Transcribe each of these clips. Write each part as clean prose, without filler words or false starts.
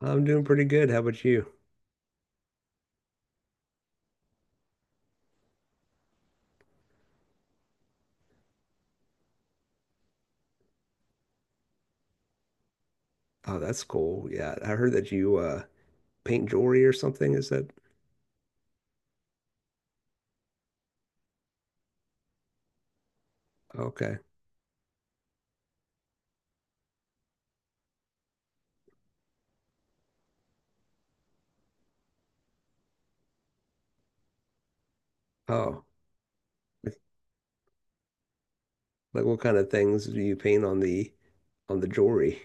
I'm doing pretty good. How about you? Oh, that's cool. Yeah, I heard that you paint jewelry or something. Is that okay? Oh, like like what kind of things do you paint on the jewelry?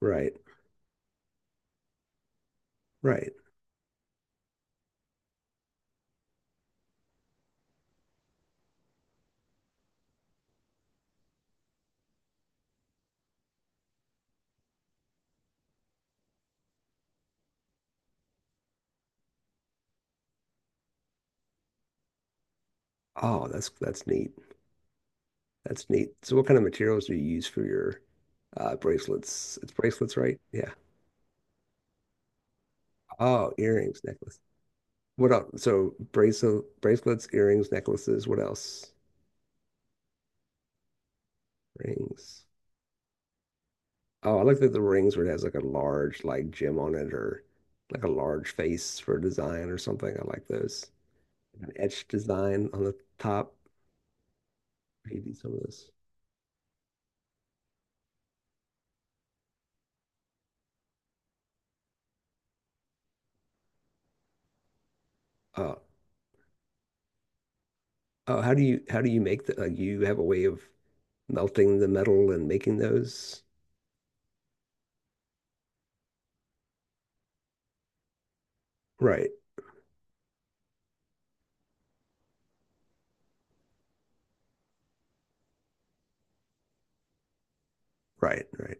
Right, right. Oh, that's neat. That's neat. So what kind of materials do you use for your bracelets? It's bracelets, right? Yeah. Oh, earrings, necklace. What else? So bracelets, earrings, necklaces. What else? Rings. Oh, I like that the rings where it has like a large like gem on it or like a large face for a design or something. I like those. An etched design on the top. You do some of this. Oh, oh, how do you make the like you have a way of melting the metal and making those? Right, right, right.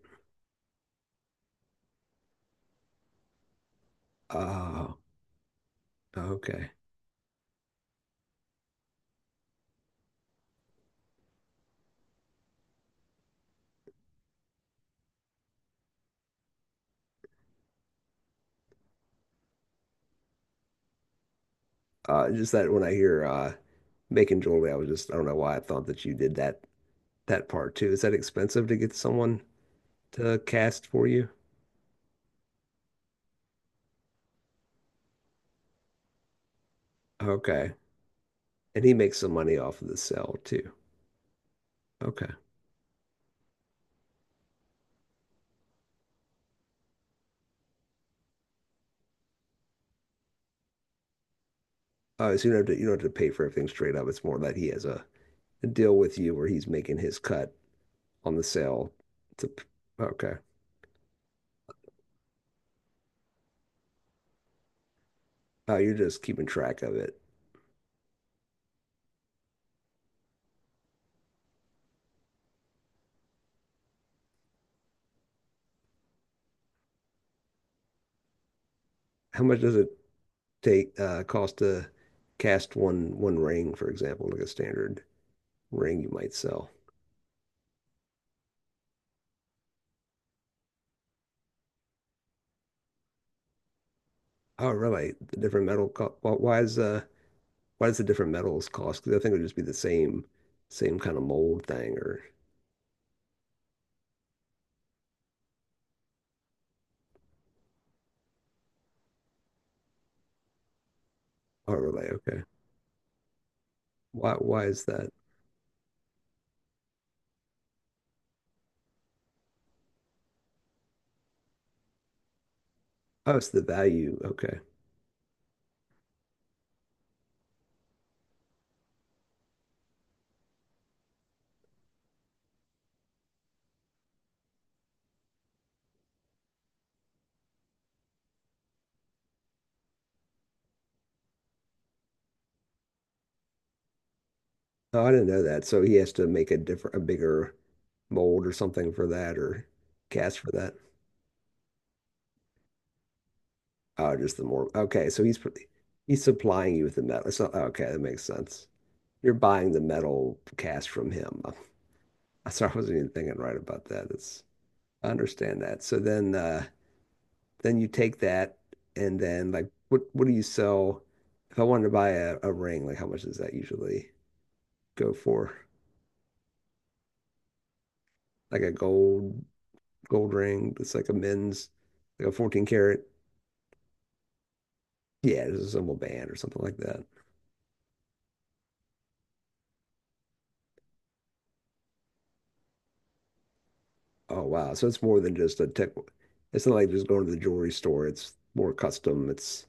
Oh, okay. Just that when I hear making jewelry, I was just I don't know why I thought that you did that part too. Is that expensive to get someone to cast for you? Okay. And he makes some money off of the sale too. Okay. Oh, so you don't have to pay for everything straight up. It's more that he has a deal with you where he's making his cut on the sale to, okay. Oh, you're just keeping track of it. How much does it take cost to cast one ring, for example, like a standard ring you might sell? Oh, really? The different metal co why does the different metals cost? Because I think it would just be the same kind of mold thing or oh, really? Okay. Why is that? Oh, it's the value. Okay. Oh, I didn't know that. So he has to make a bigger mold or something for that or cast for that. Oh, just the more. Okay. So he's supplying you with the metal. So, okay. That makes sense. You're buying the metal cast from him. Sorry, I wasn't even thinking right about that. I understand that. So then you take that and then like, what do you sell? If I wanted to buy a ring, like how much does that usually go for? Like a gold ring. It's like a men's, like a 14 karat. Yeah, it's a symbol band or something like that. Oh, wow. So it's more than just a tech. It's not like just going to the jewelry store. It's more custom. It's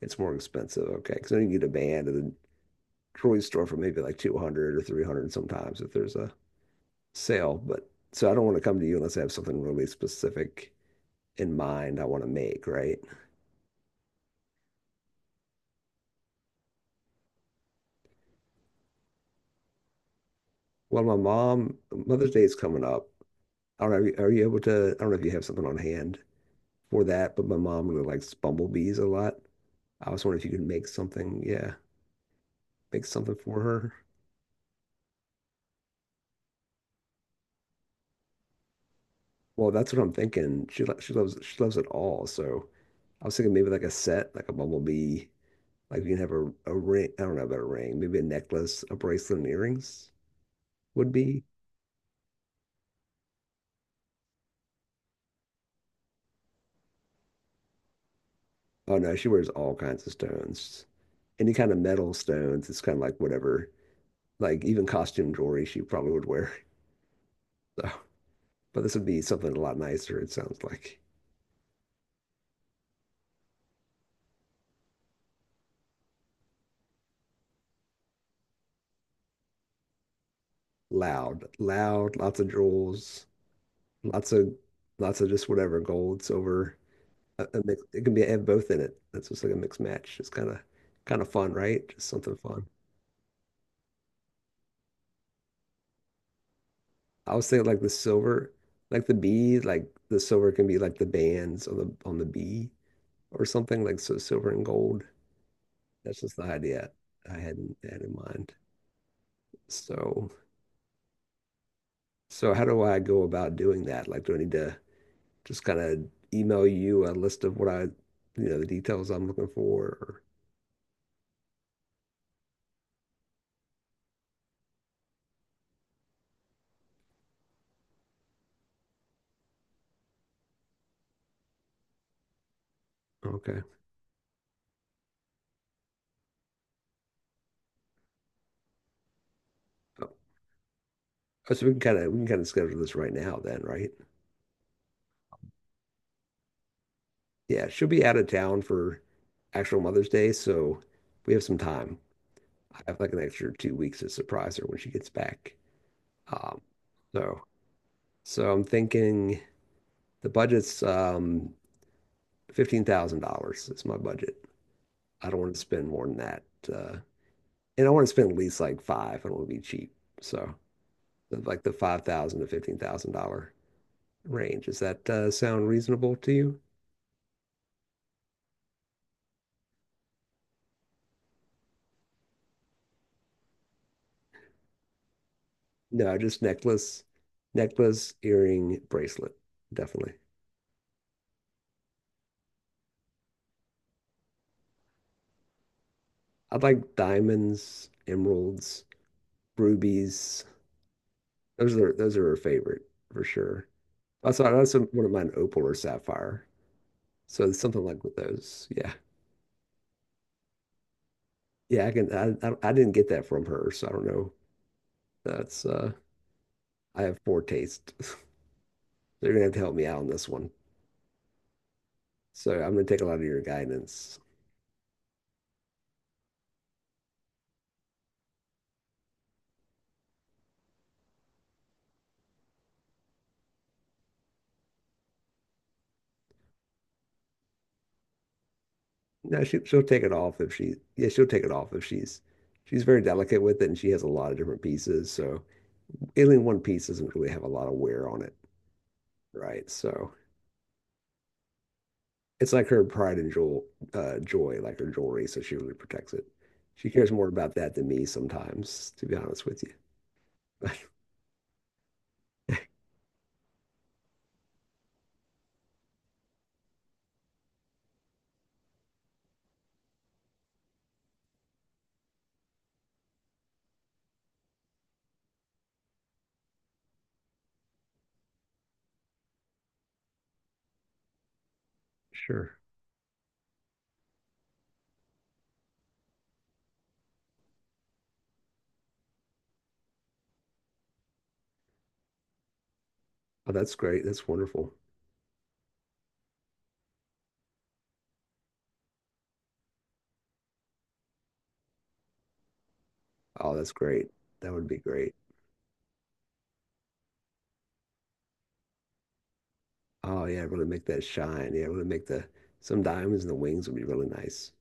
it's more expensive. Okay. Because then you can get a band at the jewelry store for maybe like 200 or 300 sometimes if there's a sale. But so I don't want to come to you unless I have something really specific in mind I want to make, right? Well, my mom, Mother's Day is coming up. I don't know, are you able to? I don't know if you have something on hand for that, but my mom really likes bumblebees a lot. I was wondering if you could make something, yeah, make something for her. Well, that's what I'm thinking. She loves it all. So I was thinking maybe like a set, like a bumblebee. Like we can have a ring. I don't know about a ring. Maybe a necklace, a bracelet, and earrings would be. Oh no, she wears all kinds of stones. Any kind of metal stones. It's kind of like whatever. Like even costume jewelry she probably would wear. So, but this would be something a lot nicer, it sounds like. Loud, loud, lots of jewels, lots of lots of just whatever gold, silver. A mix, it can be have both in it. That's just like a mixed match. It's kind of fun, right? Just something fun. I was thinking like the silver, like the B, like the silver can be like the bands on the B or something like so silver and gold. That's just the idea I had in mind. So so how do I go about doing that? Like, do I need to? Just kind of email you a list of what I, the details I'm looking for. Or, okay. Oh, so we can kind of schedule this right now then, right? Yeah, she'll be out of town for actual Mother's Day, so we have some time. I have like an extra 2 weeks to surprise her when she gets back. Um, so so I'm thinking the budget's $15,000 is my budget. I don't want to spend more than that. Uh, and I want to spend at least like five. I don't want to be cheap. So like the $5,000 to $15,000 range. Does that sound reasonable to you? No, just necklace, earring, bracelet, definitely. I'd like diamonds, emeralds, rubies. Those are her favorite for sure. Also, I also wouldn't mind opal or sapphire. So something like with those. Yeah, yeah. I can. I didn't get that from her, so I don't know. That's I have poor taste. They're gonna have to help me out on this one. So I'm gonna take a lot of your guidance. No, she'll take it off if she yeah, she'll take it off if she's very delicate with it and she has a lot of different pieces. So any one piece doesn't really have a lot of wear on it, right? So it's like her pride and jewel joy, like her jewelry, so she really protects it. She cares more about that than me sometimes, to be honest with you. Sure. Oh, that's great. That's wonderful. Oh, that's great. That would be great. Oh yeah, really make that shine. Yeah, really make the some diamonds in the wings would be really nice.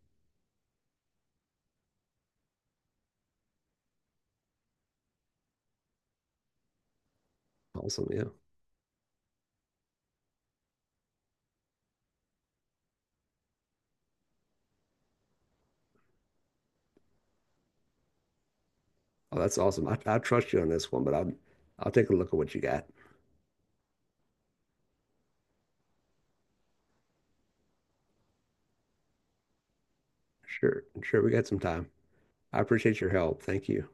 Awesome. Yeah. Oh, that's awesome. I trust you on this one, but I'll take a look at what you got. Sure, sure. We got some time. I appreciate your help. Thank you.